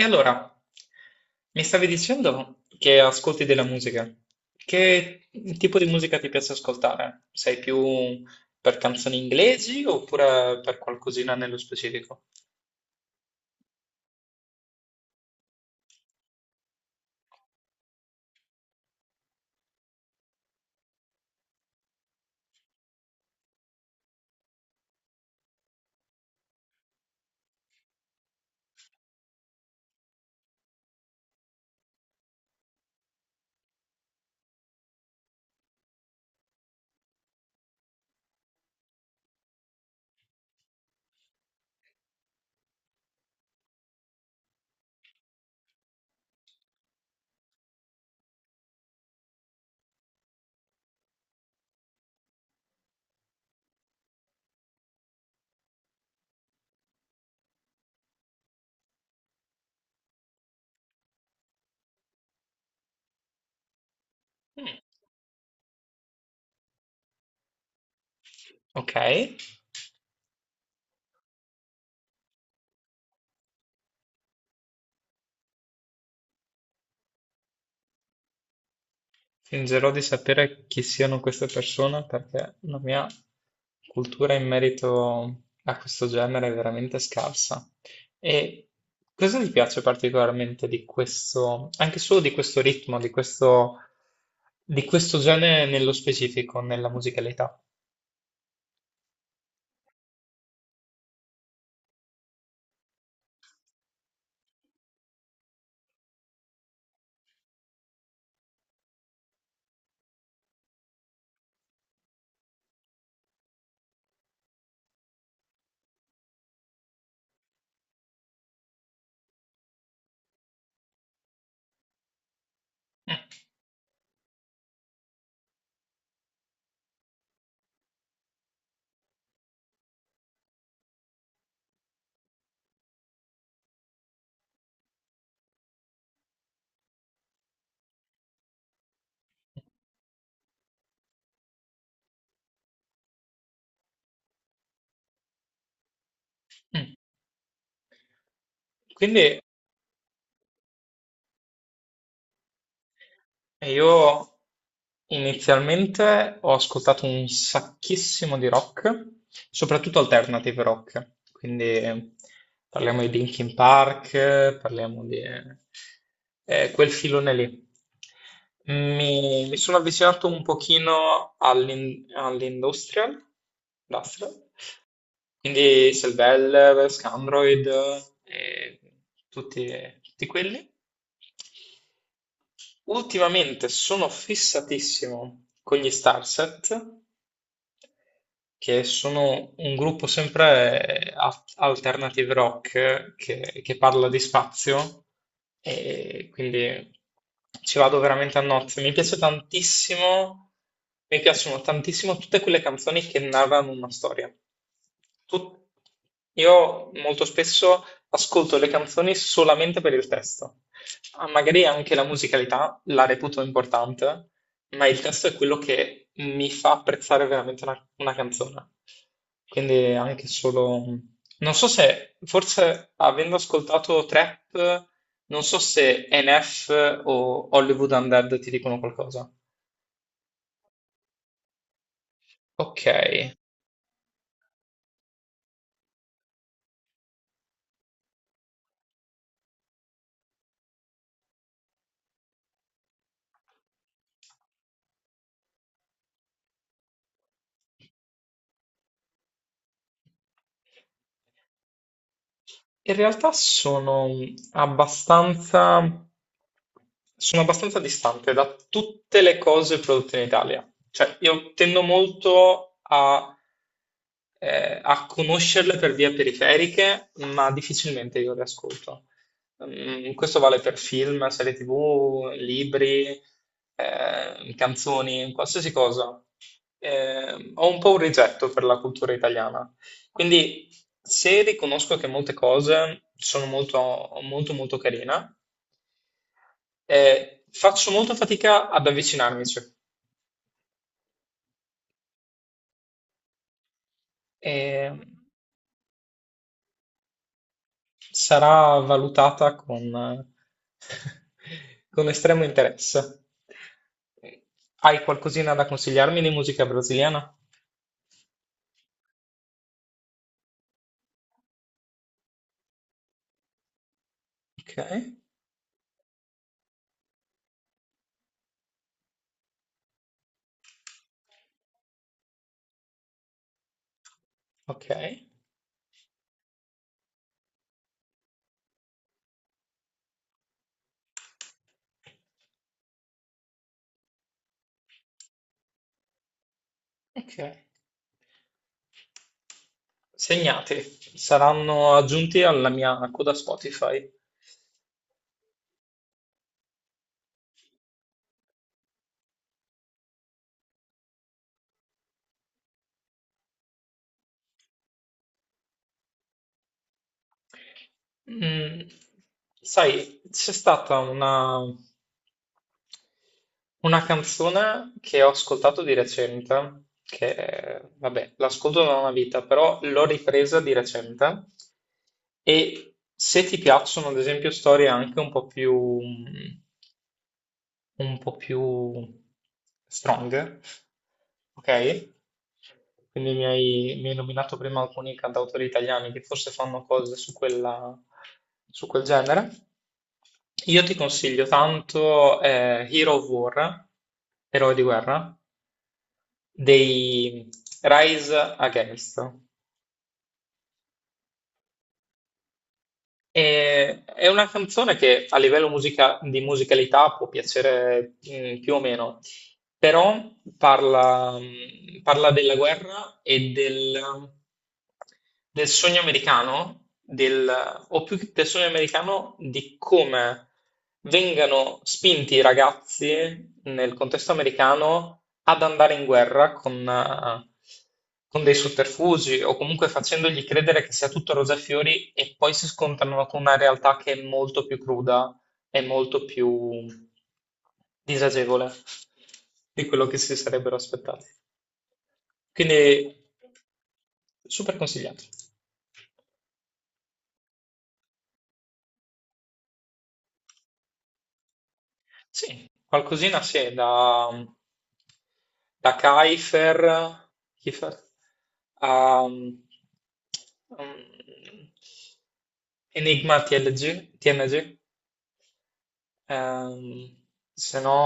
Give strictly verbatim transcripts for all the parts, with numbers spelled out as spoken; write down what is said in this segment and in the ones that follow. E allora, mi stavi dicendo che ascolti della musica. Che tipo di musica ti piace ascoltare? Sei più per canzoni inglesi oppure per qualcosina nello specifico? Mm, ok. Fingerò di sapere chi siano queste persone perché la mia cultura in merito a questo genere è veramente scarsa. E cosa ti piace particolarmente di questo, anche solo di questo ritmo, di questo, di questo genere nello specifico, nella musicalità? Mm. Quindi io Inizialmente ho ascoltato un sacchissimo di rock, soprattutto alternative rock, quindi parliamo di Linkin Park, parliamo di eh, quel filone lì. Mi, mi sono avvicinato un pochino all'in- all'industrial, industrial, quindi Selvel, Scandroid e tutti, tutti quelli. Ultimamente sono fissatissimo con gli Starset che sono un gruppo sempre al- alternative rock che, che parla di spazio e quindi ci vado veramente a nozze. Mi piace tantissimo, mi piacciono tantissimo tutte quelle canzoni che narrano una storia. Tut- io molto spesso ascolto le canzoni solamente per il testo. Ah, magari anche la musicalità la reputo importante, ma il testo è quello che mi fa apprezzare veramente una, una canzone. Quindi anche solo. Non so se, forse avendo ascoltato Trap, non so se N F o Hollywood Undead ti dicono qualcosa. Ok. In realtà sono abbastanza, sono abbastanza distante da tutte le cose prodotte in Italia. Cioè, io tendo molto a, eh, a conoscerle per vie periferiche, ma difficilmente io le ascolto. Mm, questo vale per film, serie tivù, libri, eh, canzoni, qualsiasi cosa. Eh, ho un po' un rigetto per la cultura italiana. Quindi se riconosco che molte cose sono molto, molto, molto carina, eh, faccio molta fatica ad avvicinarmici e sarà valutata con, con estremo interesse. Hai qualcosina da consigliarmi di musica brasiliana? Ok, ok, ok. Segnati, saranno aggiunti alla mia coda Spotify. Mm, sai, c'è stata una, una canzone che ho ascoltato di recente, che eh, vabbè, l'ascolto da una vita, però l'ho ripresa di recente. E se ti piacciono, ad esempio, storie anche un po' più un po' più strong, ok? Quindi mi hai, mi hai nominato prima alcuni cantautori italiani che forse fanno cose su quella, su quel genere. Io ti consiglio tanto eh, Hero of War, Eroi di guerra, dei Rise Against. E- è una canzone che a livello musica- di musicalità può piacere mm, più o meno, però parla, mh, parla della guerra e del, del sogno americano, del- o più che del sogno americano, di come vengano spinti i ragazzi nel contesto americano ad andare in guerra con, eh, con dei sotterfugi o comunque facendogli credere che sia tutto rose e fiori e poi si scontrano con una realtà che è molto più cruda, è molto più disagevole di quello che si sarebbero aspettati. Quindi super consigliato. Sì, qualcosina sì, da, da Kiefer, Kiefer a um, Enigma T L G, T N G, ehm, se no,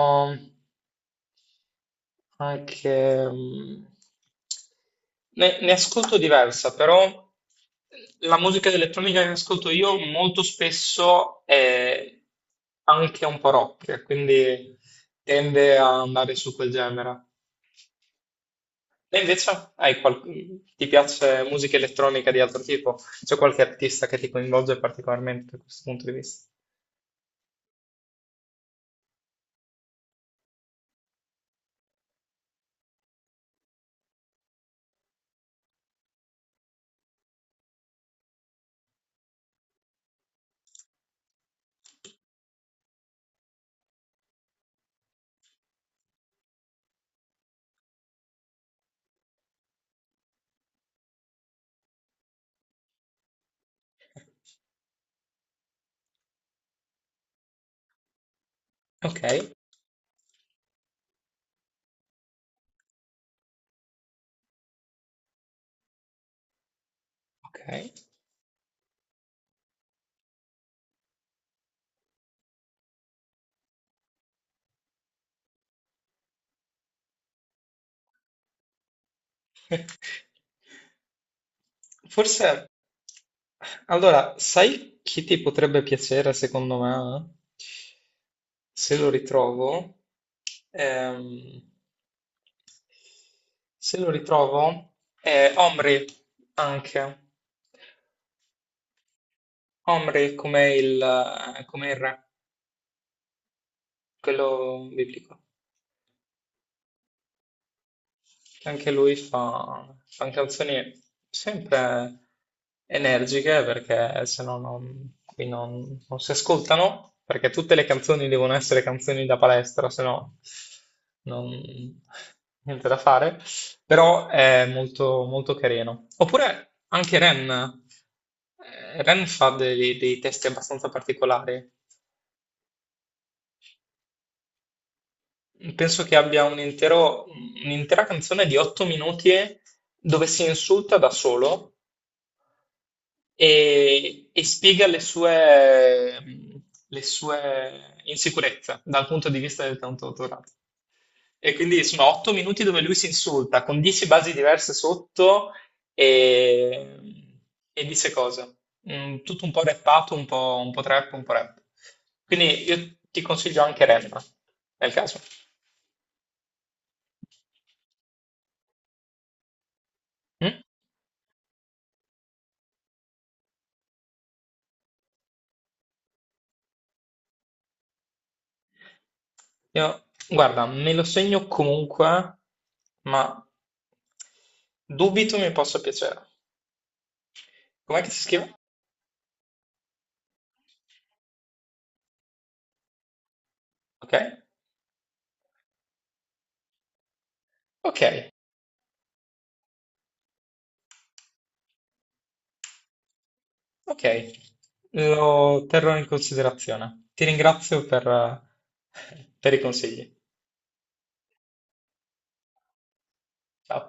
anche, mm, Ne, ne ascolto diversa, però la musica elettronica che ascolto io molto spesso è anche un po' rock, quindi tende a andare su quel genere. E invece hai qual- ti piace musica elettronica di altro tipo? C'è qualche artista che ti coinvolge particolarmente da questo punto di vista? Ok, ok. Forse, allora, sai chi ti potrebbe piacere secondo me? Se lo ritrovo, ehm, se lo ritrovo, è Omri anche. Omri come il, come il re, quello biblico, che anche lui fa, fa canzoni sempre energiche perché se no non, qui non, non si ascoltano, perché tutte le canzoni devono essere canzoni da palestra, se no non, niente da fare, però è molto, molto carino. Oppure anche Ren, Eh, Ren fa dei, dei testi abbastanza particolari. Penso che abbia un intero- un'intera canzone di otto minuti dove si insulta da solo e, e spiega le sue, le sue insicurezze dal punto di vista del cantautorato. E quindi sono otto minuti dove lui si insulta con dieci basi diverse sotto e, e dice cose. Mm, tutto un po' rappato, un po', un po' trap, un po' rap. Quindi io ti consiglio anche rap, nel caso. Mm? Io- Guarda, me lo segno comunque, ma dubito mi possa piacere. Com'è che si scrive? Ok, ok, ok. Lo terrò in considerazione. Ti ringrazio per, eh, per i consigli. Ciao.